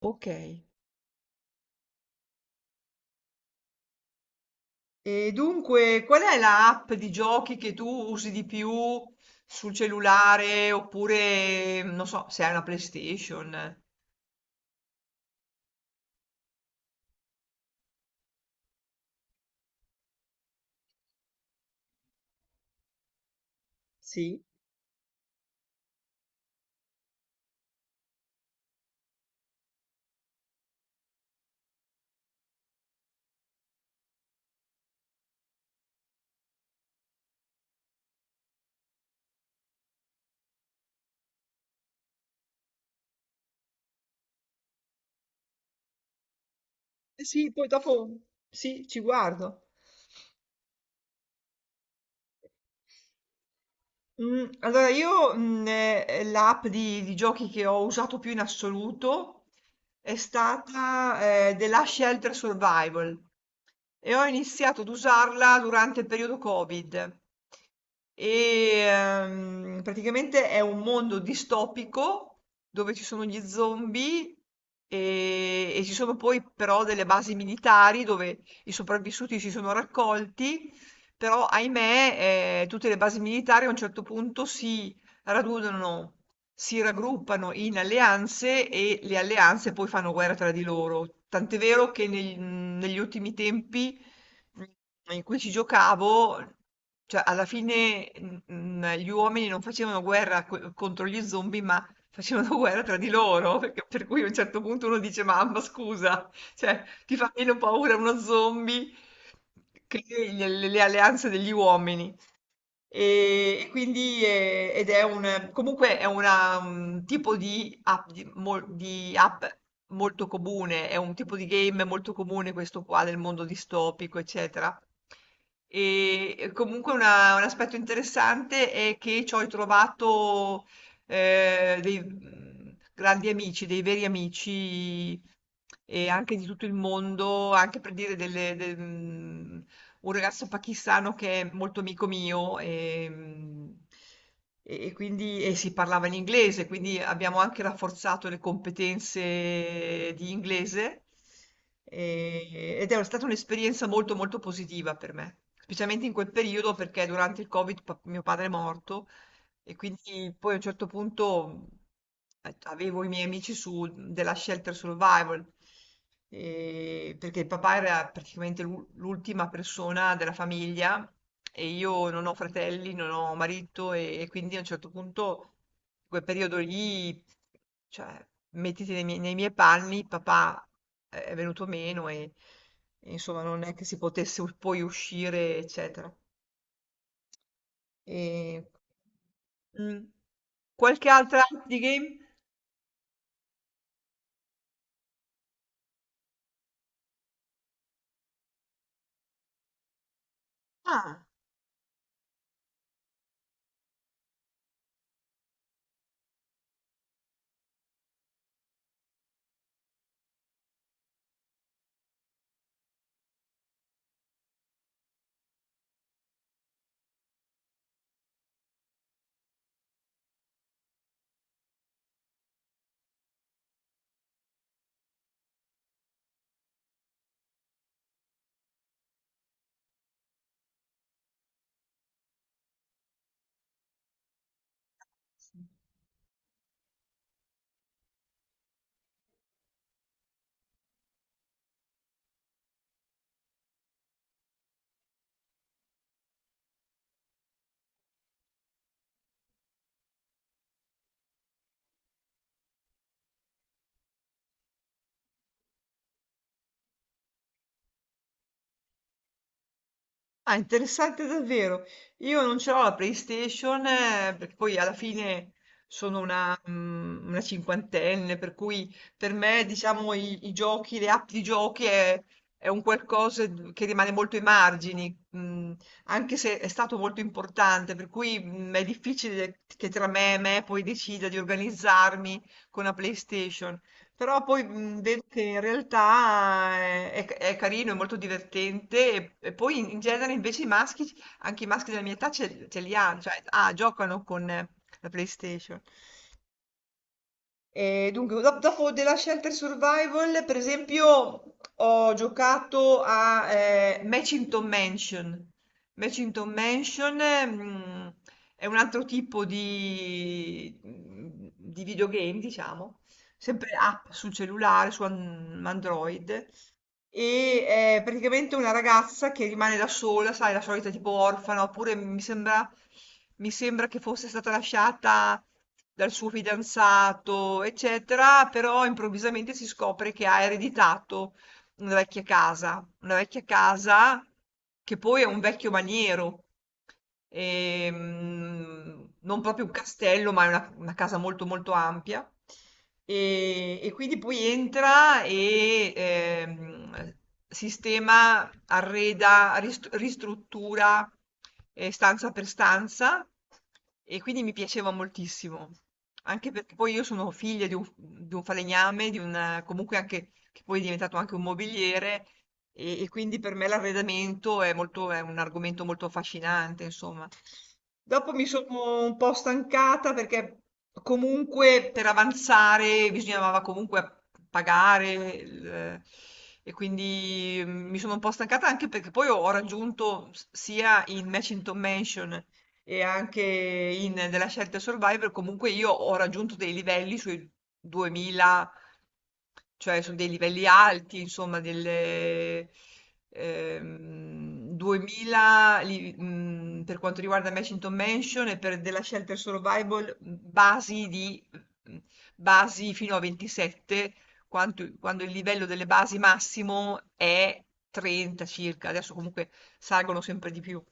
Ok. E dunque, qual è la app di giochi che tu usi di più sul cellulare oppure, non so, se hai una PlayStation? Sì. Eh sì, poi dopo sì, ci guardo. Allora, io l'app di giochi che ho usato più in assoluto è stata The Last Shelter Survival, e ho iniziato ad usarla durante il periodo Covid. E praticamente è un mondo distopico dove ci sono gli zombie e ci sono poi però delle basi militari dove i sopravvissuti si sono raccolti, però ahimè, tutte le basi militari a un certo punto si radunano, si raggruppano in alleanze e le alleanze poi fanno guerra tra di loro. Tant'è vero che negli ultimi tempi, mh, in cui ci giocavo, cioè alla fine, gli uomini non facevano guerra contro gli zombie, ma facevano guerra tra di loro, per cui a un certo punto uno dice, mamma, scusa. Cioè, ti fa meno paura uno zombie che le alleanze degli uomini. E quindi, ed è un comunque è un tipo di app, di app molto comune, è un tipo di game molto comune questo qua, del mondo distopico, eccetera. E comunque un aspetto interessante è che ci ho trovato dei grandi amici, dei veri amici, e anche di tutto il mondo. Anche per dire, un ragazzo pakistano che è molto amico mio, e quindi si parlava in inglese, quindi abbiamo anche rafforzato le competenze di inglese, ed è stata un'esperienza molto molto positiva per me, specialmente in quel periodo, perché durante il Covid mio padre è morto, e quindi poi a un certo punto avevo i miei amici su della Shelter Survival, perché il papà era praticamente l'ultima persona della famiglia, e io non ho fratelli, non ho marito, e quindi a un certo punto, in quel periodo lì, cioè, mettiti nei miei panni, papà è venuto meno e, insomma non è che si potesse poi uscire, eccetera. E Mh. Qualche altra app di game? Ah, sì. Ah, interessante davvero. Io non ce l'ho la PlayStation, perché poi alla fine sono una cinquantenne, per cui per me, diciamo, i giochi, le app di giochi è un qualcosa d che rimane molto ai margini, anche se è stato molto importante, per cui, è difficile che tra me e me poi decida di organizzarmi con la PlayStation. Però poi, vedo che in realtà, è carino, è molto divertente, e poi in genere invece i maschi, anche i maschi della mia età ce li hanno, cioè, ah, giocano con la PlayStation. E dunque, dopo della Shelter Survival, per esempio, ho giocato a Matchington Mansion. Matchington Mansion, mm, è un altro tipo di videogame, diciamo, sempre app sul cellulare, su Android. E è praticamente una ragazza che rimane da sola, sai, la solita tipo orfana, oppure mi sembra che fosse stata lasciata dal suo fidanzato, eccetera, però improvvisamente si scopre che ha ereditato una vecchia casa che poi è un vecchio maniero, non proprio un castello, ma è una casa molto molto ampia. E quindi poi entra e, sistema, arreda, ristruttura, stanza per stanza, e quindi mi piaceva moltissimo. Anche perché poi io sono figlia di un, falegname, comunque anche che poi è diventato anche un mobiliere, e quindi per me l'arredamento, è un argomento molto affascinante, insomma. Dopo mi sono un po' stancata perché comunque per avanzare bisognava comunque pagare e quindi, mi sono un po' stancata, anche perché poi ho raggiunto sia in Matchington Mansion e anche in della scelta Survivor. Comunque io ho raggiunto dei livelli sui cioè, sono dei livelli alti, insomma, delle, 2000 per quanto riguarda Mansion Mansion, e per della Shelter Survival, basi di, mh, basi fino a 27, quando il livello delle basi massimo è 30 circa. Adesso comunque salgono sempre di più.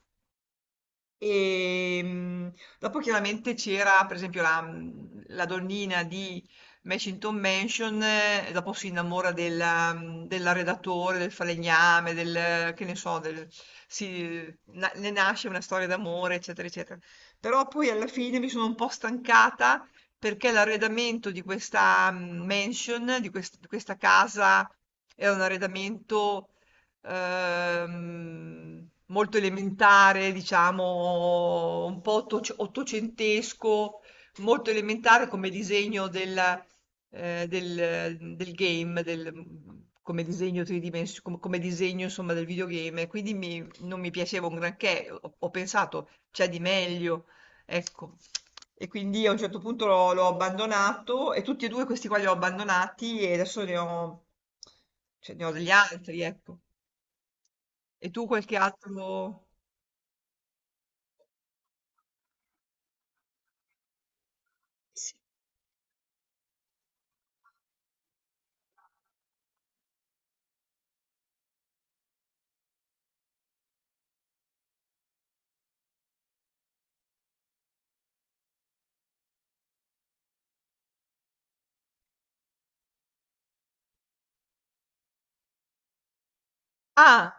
E, dopo chiaramente c'era, per esempio, la donnina di Mashington Mansion, e dopo si innamora dell'arredatore, del falegname, del, che ne so, ne nasce una storia d'amore, eccetera, eccetera. Però poi alla fine mi sono un po' stancata perché l'arredamento di questa, mansion, di questa casa, era un arredamento, molto elementare, diciamo, un po' ottocentesco, molto elementare come disegno del game, come disegno tridimensionale, come disegno insomma del videogame, e quindi non mi piaceva un granché, ho pensato c'è di meglio, ecco. E quindi a un certo punto l'ho abbandonato, e tutti e due questi qua li ho abbandonati, e adesso ne ho, cioè, ne ho degli altri, ecco. E tu qualche altro? Sì. Ah!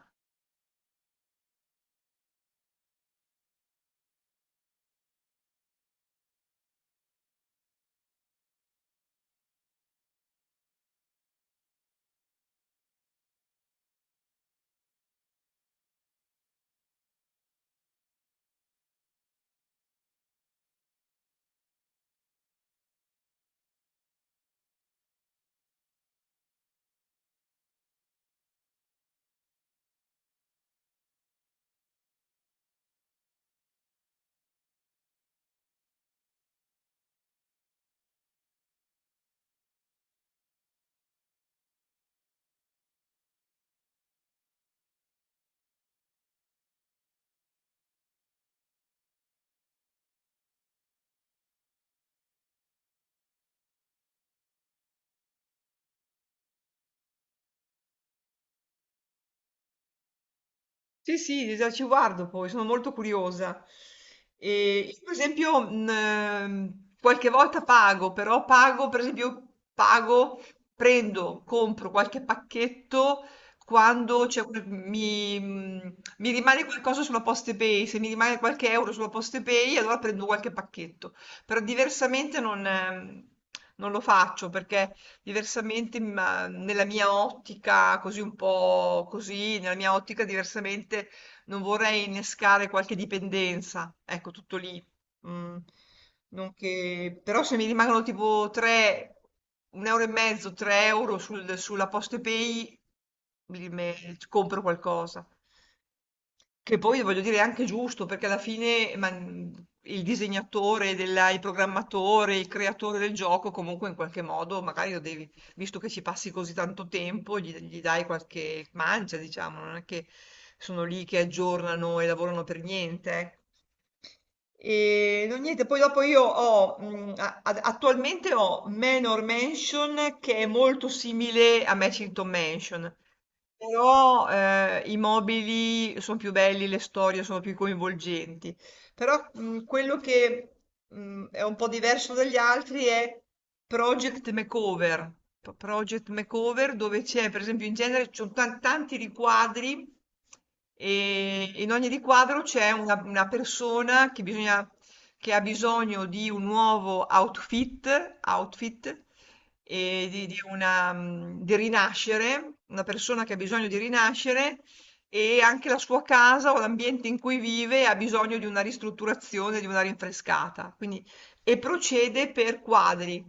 Sì, sì, già ci guardo poi, sono molto curiosa. Io per esempio, qualche volta pago, però pago, per esempio pago, prendo, compro qualche pacchetto quando c'è, mi rimane qualcosa sulla PostePay. Se mi rimane qualche euro sulla PostePay allora prendo qualche pacchetto, però diversamente non lo faccio, perché diversamente, ma nella mia ottica, così un po' così, nella mia ottica diversamente non vorrei innescare qualche dipendenza, ecco, tutto lì. Mm, non che- Però se mi rimangono tipo 3, un euro e mezzo, 3 euro sulla Postepay, mi- me- compro qualcosa. Che poi voglio dire è anche giusto, perché alla fine, il disegnatore, il programmatore, il creatore del gioco, comunque in qualche modo magari lo devi, visto che ci passi così tanto tempo, gli dai qualche mancia, diciamo, non è che sono lì che aggiornano e lavorano per niente. Ecco. E no, niente, poi dopo io ho, a- a- attualmente ho Manor Mansion, che è molto simile a Matchington Mansion. Però, i mobili sono più belli, le storie sono più coinvolgenti. Però, quello che, è un po' diverso dagli altri è Project Makeover. Project Makeover, dove c'è, per esempio, in genere ci sono tanti riquadri e in ogni riquadro c'è una persona che ha bisogno di un nuovo outfit, e di rinascere, una persona che ha bisogno di rinascere e anche la sua casa o l'ambiente in cui vive ha bisogno di una ristrutturazione, di una rinfrescata. Quindi, e procede per quadri.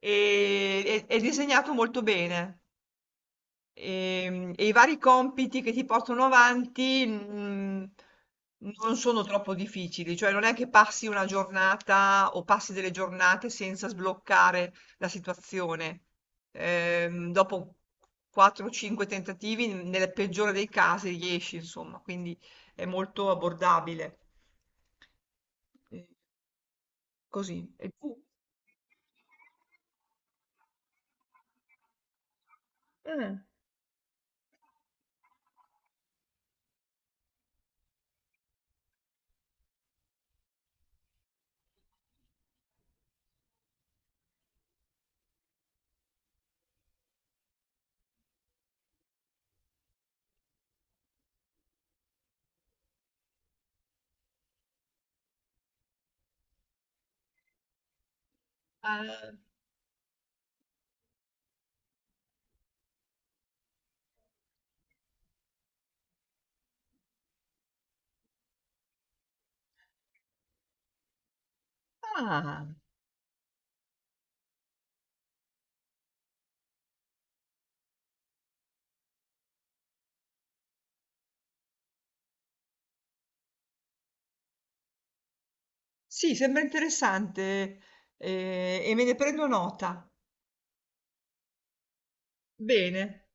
E è disegnato molto bene. E i vari compiti che ti portano avanti, non sono troppo difficili, cioè non è che passi una giornata o passi delle giornate senza sbloccare la situazione. Dopo 4-5 tentativi, nel peggiore dei casi riesci, insomma, quindi è molto abbordabile. Eh, Così. E tu? Eh. Ah, ah, sì, sembra interessante, e me ne prendo nota. Bene.